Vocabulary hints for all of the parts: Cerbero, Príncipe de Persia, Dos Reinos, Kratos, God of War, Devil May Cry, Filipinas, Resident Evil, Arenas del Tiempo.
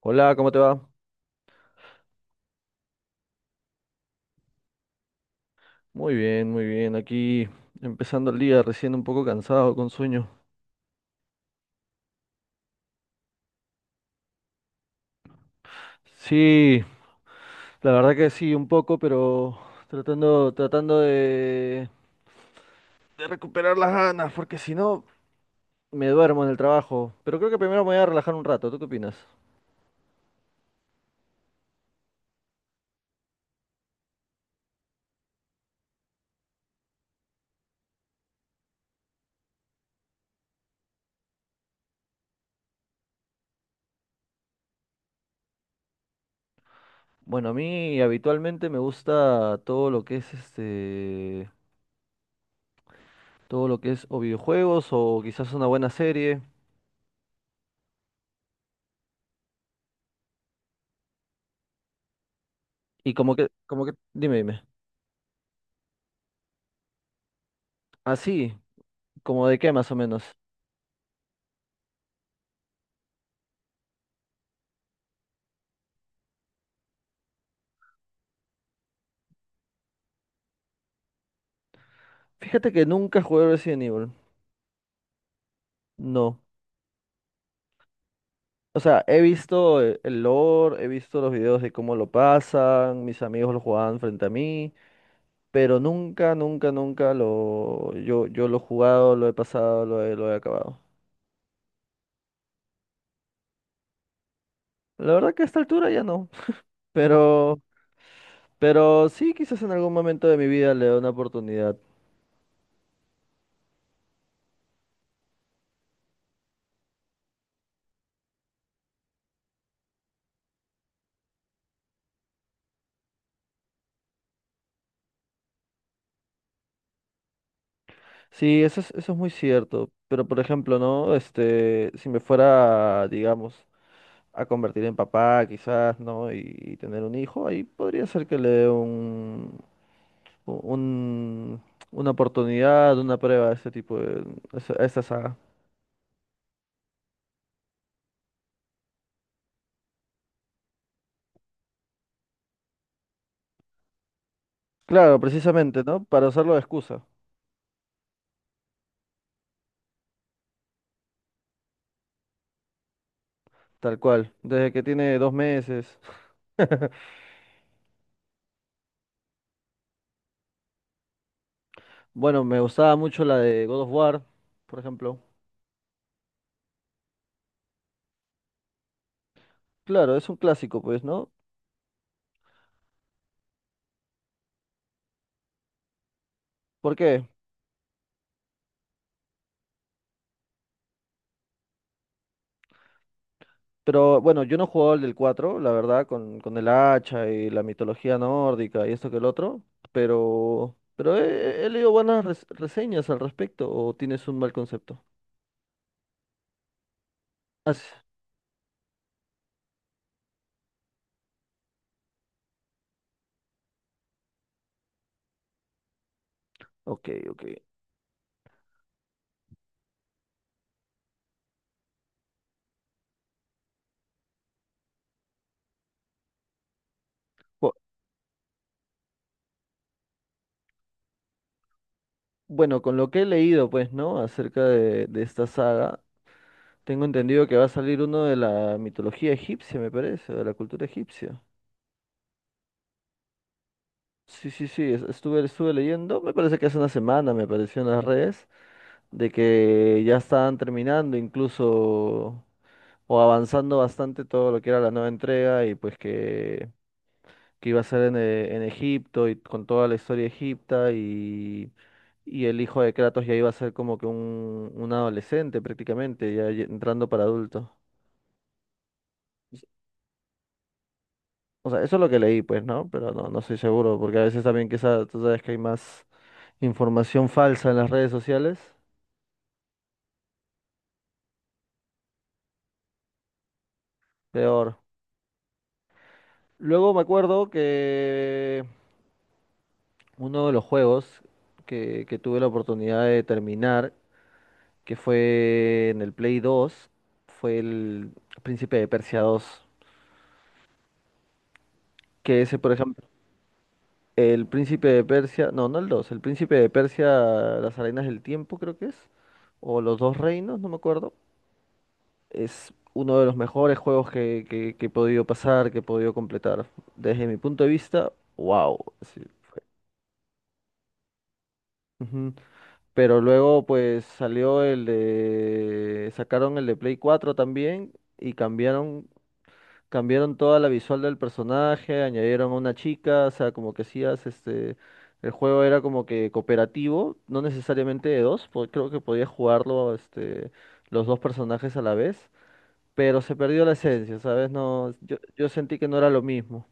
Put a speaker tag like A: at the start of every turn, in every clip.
A: Hola, ¿cómo te va? Muy bien, muy bien. Aquí empezando el día, recién un poco cansado, con sueño. Sí, la verdad que sí, un poco, pero tratando de recuperar las ganas, porque si no me duermo en el trabajo. Pero creo que primero me voy a relajar un rato. ¿Tú qué opinas? Bueno, a mí habitualmente me gusta todo lo que es todo lo que es o videojuegos o quizás una buena serie. Y como que, dime, dime. Así, como de qué más o menos. Fíjate que nunca jugué Resident Evil. No. O sea, he visto el lore, he visto los videos de cómo lo pasan, mis amigos lo jugaban frente a mí, pero nunca, nunca, nunca lo yo yo lo he jugado, lo he pasado, lo he acabado. La verdad que a esta altura ya no, pero pero sí, quizás en algún momento de mi vida le dé una oportunidad. Sí, eso es muy cierto, pero por ejemplo, ¿no? Si me fuera, digamos, a convertir en papá, quizás, ¿no? Y tener un hijo, ahí podría ser que le dé un- una oportunidad, una prueba a ese tipo de, a esa saga. Claro, precisamente, ¿no? Para usarlo de excusa, tal cual, desde que tiene 2 meses. Bueno, me gustaba mucho la de God of War, por ejemplo. Claro, es un clásico, pues, ¿no? ¿Por qué? Pero bueno, yo no jugaba el del 4 la verdad, con el hacha y la mitología nórdica y esto que el otro, pero he leído buenas reseñas al respecto, o tienes un mal concepto. Ah, sí. Ok, ok. Bu- Bueno, con lo que he leído, pues, ¿no? Acerca de esta saga, tengo entendido que va a salir uno de la mitología egipcia, me parece, de la cultura egipcia. Sí, sí, sí, estuve leyendo, me parece que hace una semana me apareció en las redes, de que ya estaban terminando incluso o avanzando bastante todo lo que era la nueva entrega y pues que iba a ser en Egipto y con toda la historia egipta y el hijo de Kratos ya iba a ser como que un adolescente prácticamente, ya entrando para adulto. O sea, eso es lo que leí, pues, ¿no? Pero no estoy seguro, porque a veces también que esa, tú sabes que hay más información falsa en las redes sociales, peor. Luego me acuerdo que uno de los juegos que tuve la oportunidad de terminar que fue en el Play 2 fue el Príncipe de Persia dos. Que ese, por ejemplo, el Príncipe de Persia, no, no el dos, el Príncipe de Persia, las Arenas del Tiempo creo que es, o los Dos Reinos, no me acuerdo. Es uno de los mejores juegos que he podido pasar, que he podido completar. Desde mi punto de vista, wow. Sí. Ujú. Pero luego pues salió el de... sacaron el de Play 4 también y cambiaron toda la visual del personaje, añadieron a una chica, o sea, como que hacías el juego era como que cooperativo, no necesariamente de dos, porque creo que podías jugarlo los dos personajes a la vez, pero se perdió la esencia, ¿sabes? No, yo sentí que no era lo mismo.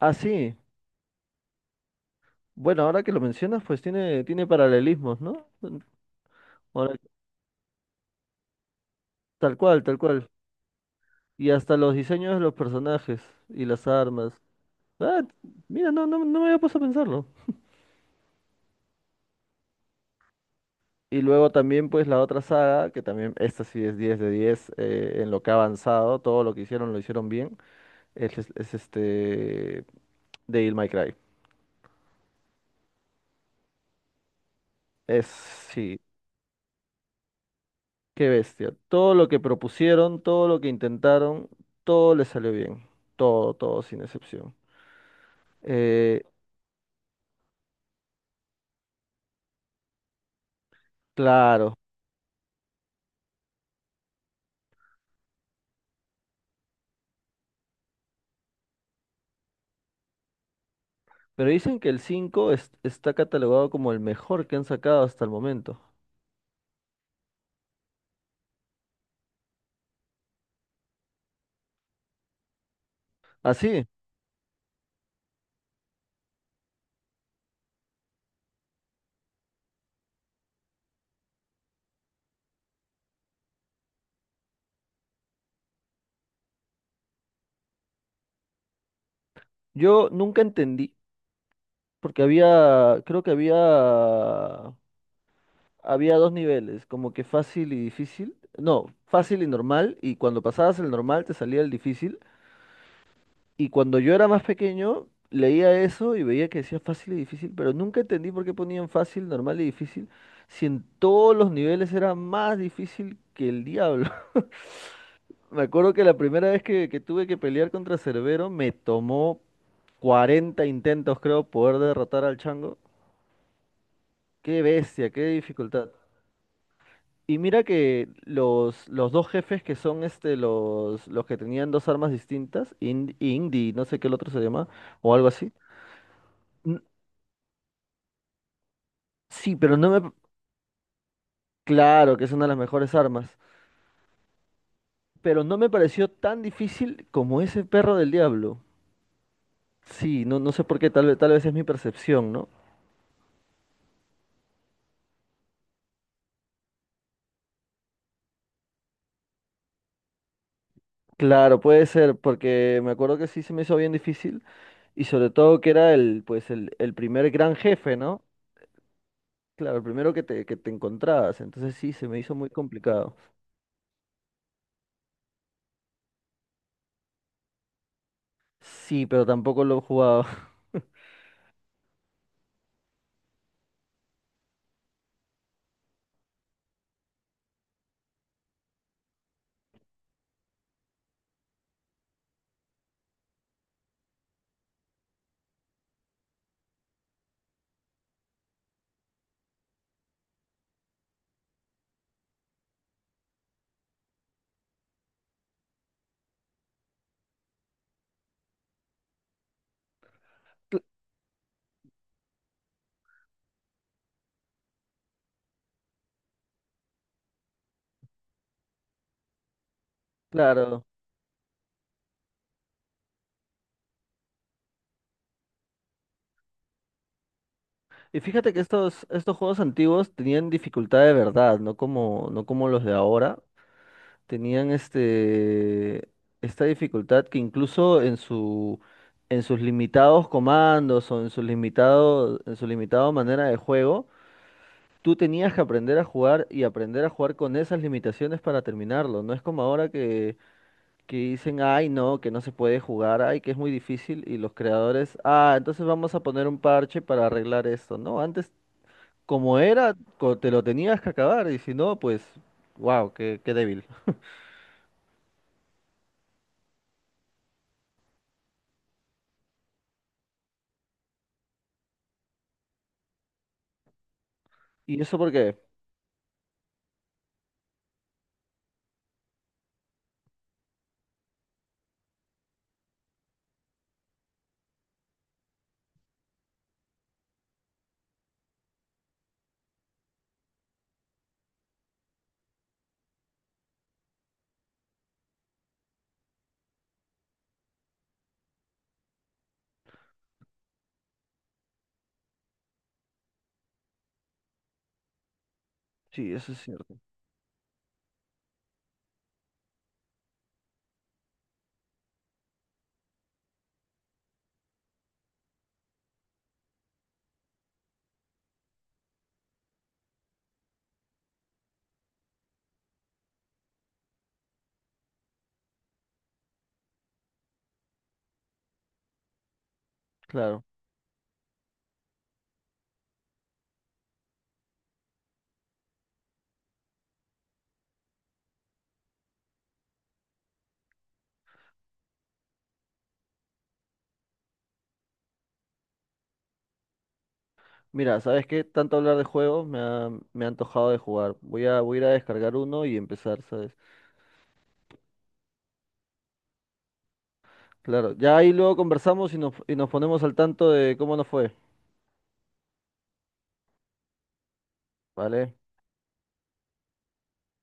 A: Ah, sí, bueno, ahora que lo mencionas, pues tiene paralelismos, ¿no? Mm. Ahora, tal cual, tal cual. Y hasta los diseños de los personajes y las armas. Ah, mira, no, no, no me había puesto a pensarlo. Y luego también pues la otra saga, que también esta sí es 10 de 10, en lo que ha avanzado, todo lo que hicieron lo hicieron bien, es este Devil May Cry. Sí, qué bestia. Todo lo que propusieron, todo lo que intentaron, todo les salió bien. Todo, todo, sin excepción. Eh, claro, pero dicen que el 5 está catalogado como el mejor que han sacado hasta el momento. Así, yo nunca entendí, porque había, creo que había... Había dos niveles, como que fácil y difícil. No, fácil y normal. Y cuando pasabas el normal te salía el difícil. Y cuando yo era más pequeño, leía eso y veía que decía fácil y difícil, pero nunca entendí por qué ponían fácil, normal y difícil, si en todos los niveles era más difícil que el diablo. Me acuerdo que la primera vez que tuve que pelear contra Cerbero me tomó 40 intentos, creo, poder derrotar al chango. Qué bestia, qué dificultad. Y mira que los dos jefes que son los que tenían dos armas distintas, Indy, no sé qué el otro se llama, o algo así. n- Sí, pero no me... Claro que es una de las mejores armas, pero no me pareció tan difícil como ese perro del diablo. Sí, no sé por qué, tal vez es mi percepción, ¿no? Claro, puede ser, porque me acuerdo que sí se me hizo bien difícil, y sobre todo que era el primer gran jefe, ¿no? Claro, el primero que que te encontrabas, entonces sí, se me hizo muy complicado. Sí, pero tampoco lo he jugado. Cl- Claro. Y fíjate que estos juegos antiguos tenían dificultad de verdad, no como, no como los de ahora. Tenían esta dificultad que incluso en su, en sus limitados comandos o en su limitada manera de juego, tú tenías que aprender a jugar y aprender a jugar con esas limitaciones para terminarlo. No es como ahora que dicen, ay, no, que no se puede jugar, ay, que es muy difícil, y los creadores, ah, entonces vamos a poner un parche para arreglar esto, ¿no? Antes, como era, te lo tenías que acabar, y si no, pues, wow, qué débil. ¿Y eso por qué? Sí, eso es cierto, claro. Mira, ¿sabes qué? Tanto hablar de juegos me ha antojado de jugar. Voy a ir a descargar uno y empezar, ¿sabes? Claro, ya ahí luego conversamos y nos ponemos al tanto de cómo nos fue, ¿vale?